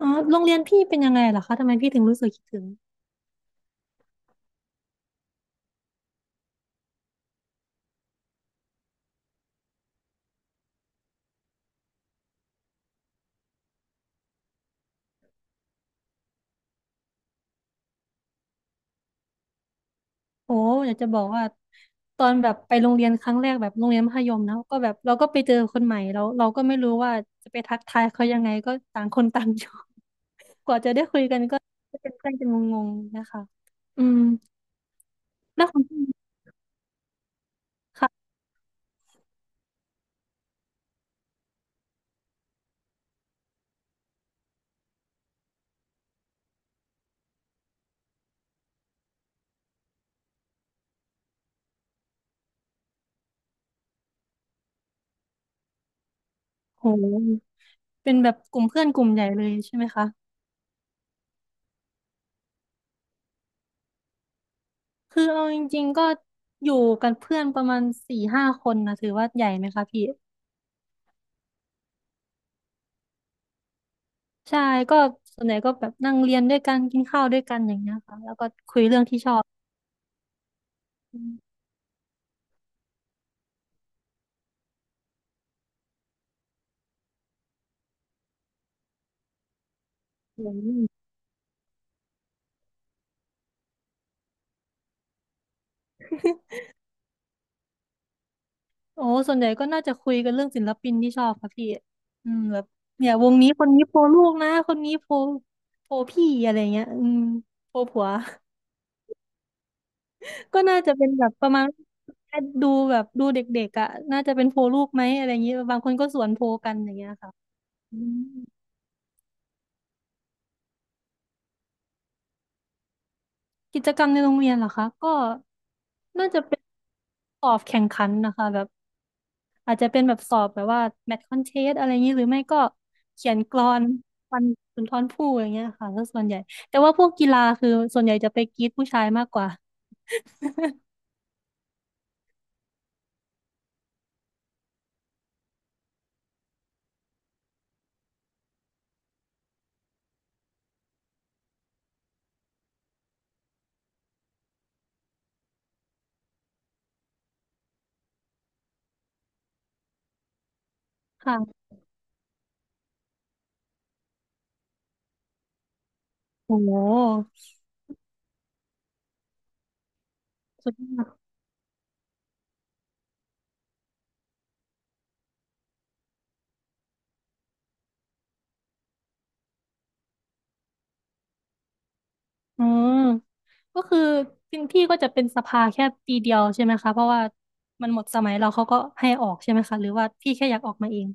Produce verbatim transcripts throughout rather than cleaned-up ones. อ๋อโรงเรียนพี่เป็นยังไงเหรอคะทำไมพี่ถึงรู้สึกคิดถึงโอ้อยากจะบอกว่าตอนแบบไปโรงเรียนครั้งแรกแบบโรงเรียนมัธยมนะก็แบบเราก็ไปเจอคนใหม่เราเราก็ไม่รู้ว่าจะไปทักทายเขายังไงก็ต่างคนต่าง อยู่ กว่าจะได้คุยกันก็เป็นเพื่อนกันงงๆนะคะอืมแล้วของพี่ค่ะโหเป็นแบบกลุ่มเพื่อนกลุ่มใหญ่เลยใช่ไหมคะ คือเอาจริงๆก็อยู่กันเพื่อนประมาณสี่ห้าคนนะถือว่าใหญ่ไหมคะพี่ ใช่ก็ส่วนใหญ่ก็แบบนั่งเรียนด้วยกันกินข้าวด้วยกันอย่างเงี้ยค่ะแล้วก็คุยเรื่องที่ชอบอืมอืมโอ้ส่วนใหญ่ก็น่าจะคุยกันเรื่องศิลปินที่ชอบค่ะพี่อืมแบบเนี่ยวงนี้คนนี้โปรลูกนะคนนี้โปรโปรพี่อะไรเงี้ยอืมโปรผัว ก็น่าจะเป็นแบบประมาณดูแบบดูเด็กๆอ่ะน่าจะเป็นโปรลูกไหมอะไรอย่างเงี้ยบางคนก็สวนโพลกันอย่างเงี้ยค่ะอืมกิจกรรมในโรงเรียนเหรอคะก็น่าจะเป็นสอบแข่งขันนะคะแบบ อาจจะเป็นแบบสอบแบบว่าแมทคอนเทสอะไรอย่างนี้หรือไม่ก็เขียนกลอนวันสุนทรภู่อย่างเงี้ยค่ะก็ส่วนใหญ่แต่ว่าพวกกีฬาคือส่วนใหญ่จะไปกรีดผู้ชายมากกว่าค่ะโอ้โหสุดยอดอืมก็คือพี่พี่ก็จะเป็นสภาแค่ปีเดียวใช่ไหมคะเพราะว่ามันหมดสมัยเราเขาก็ให้ออกใช่ไหมคะหรือว่าพี่แค่อยากออกมาเอง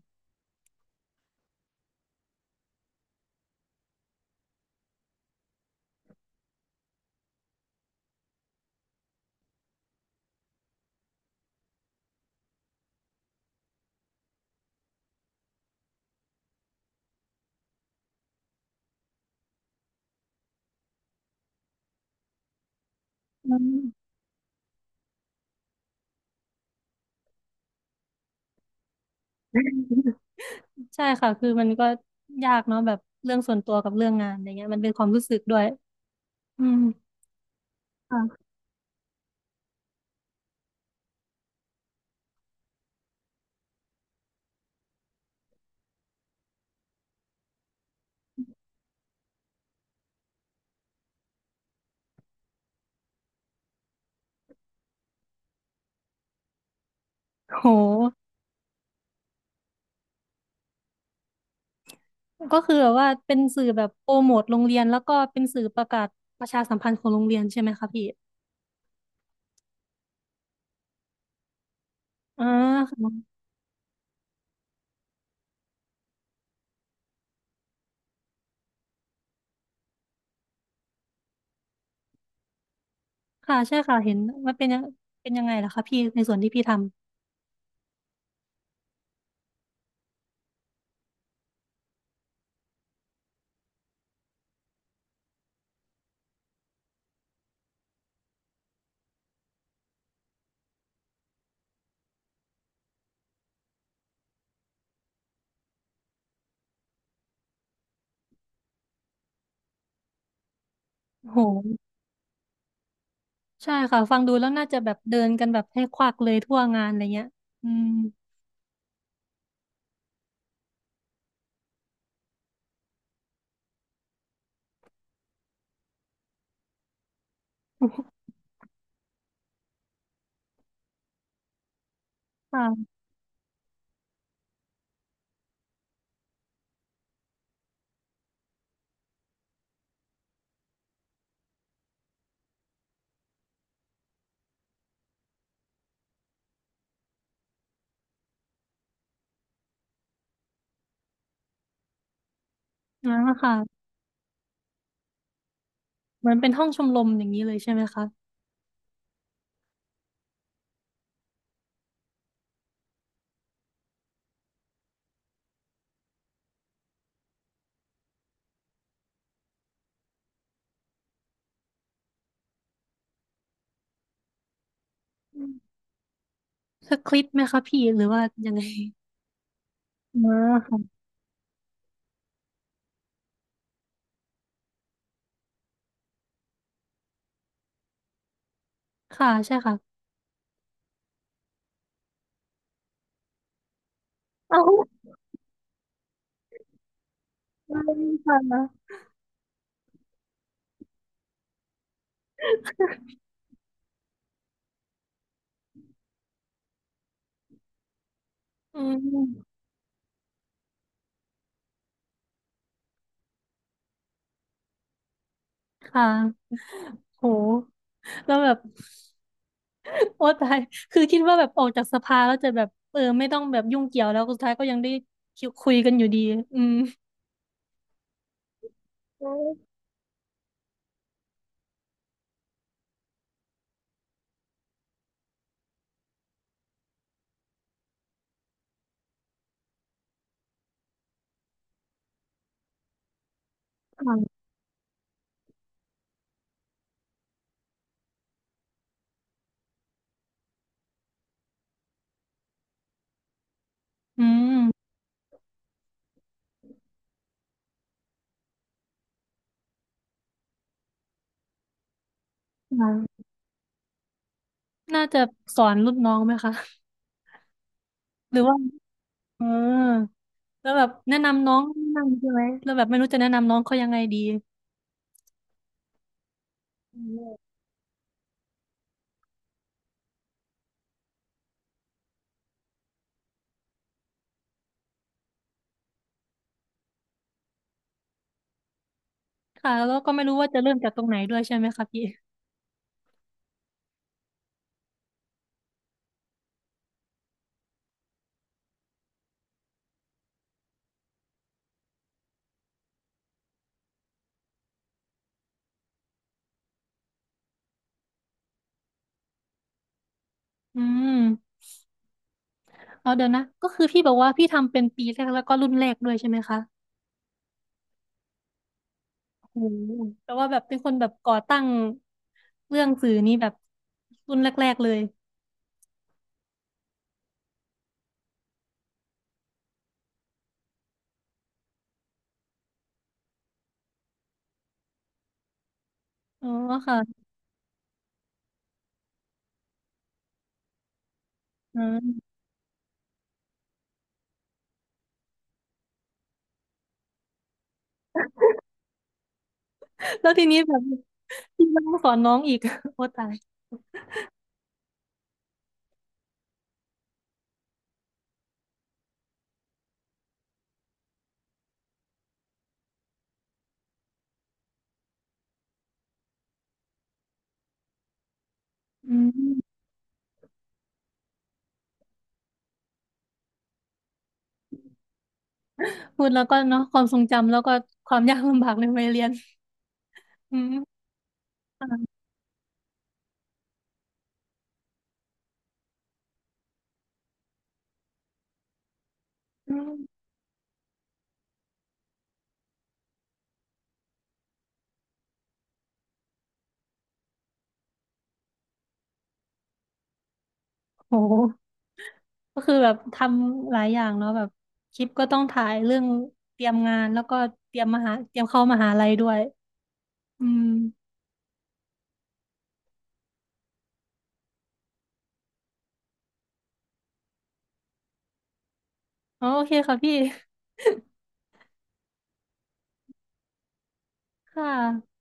อืม ใช่ค่ะคือมันก็ยากเนาะแบบเรื่องส่วนตัวกับเรื่องงานอะไรเงี้ยมันเป็นความรู้สึกด้วยอืมค่ะโห ก็คือแบบว่าเป็นสื่อแบบโปรโมทโรงเรียนแล้วก็เป็นสื่อประกาศประชาสัมพันธ์ของโรงเรียนใช่ไหมคะพี่อ่าค่ะค่ะใช่ค่ะเห็นว่าเป็นยังเป็นยังไงล่ะคะพี่ในส่วนที่พี่ทำโหใช่ค่ะฟังดูแล้วน่าจะแบบเดินกันแบบให้ควักเลยทั่วงานอะไรเงี้ยอืมค่ะอ่าค่ะเหมือนเป็นห้องชมรมอย่างนี้เลยใช่ไหมคะอืมสคริปต์ไหมคะพี่หรือว่ายังไงอ่าค่ะค่ะใช่ค่ะเอา ค่ะอืมค่ะโหแล้วแบบ โอ้ตายคือคิดว่าแบบออกจากสภาแล้วจะแบบเออไม่ต้องแบบยุ่งเกี่ยวแล้วสุดท้ายก็ยังได้คิวคุยกันอยู่ดีอืมค่ะอืมค่ะน่าจะสอนรุ่นน้องไหมคะ หรือว่าเออแล้วแบบแนะนำน้องนั่งใช่ไหมแล้วแบบไม่รู้จะแนะนำน้องเขายังไงดีอืมค่ะแล้วก็ไม่รู้ว่าจะเริ่มจากตรงไหนด้วยใช่ไหมคะพี่อืมเอาเดี๋ยวนะก็คือพี่บอกว่าพี่ทำเป็นปีแรกแล้วก็รุ่นแรกด้วยใช่ไหมคะ โอ้แต่ว่าแบบเป็นคนแบบก่อตั้งเรื่องสื่อนี้แบบรุ่นแรกๆเลยอ๋อค่ะอ่าแล้วทีนี้แบบพี่ต้องสอนน้องอีก โอ้ตายอืมพูดแล้วก็เนาะความทรงจำแล้วก็ความยากลำบากในวัยเรียนอืมอ่าอืมโหก็คือแบบทำหลายอย่างเนาะแบบคลิปก็ต้องถ่ายเรื่องเตรียมงานแล้วก็เตรียมมหาเตรียมเข้ามหาลัยด้วยอืมอ๋อโอเคค่ะพี่ค่ะ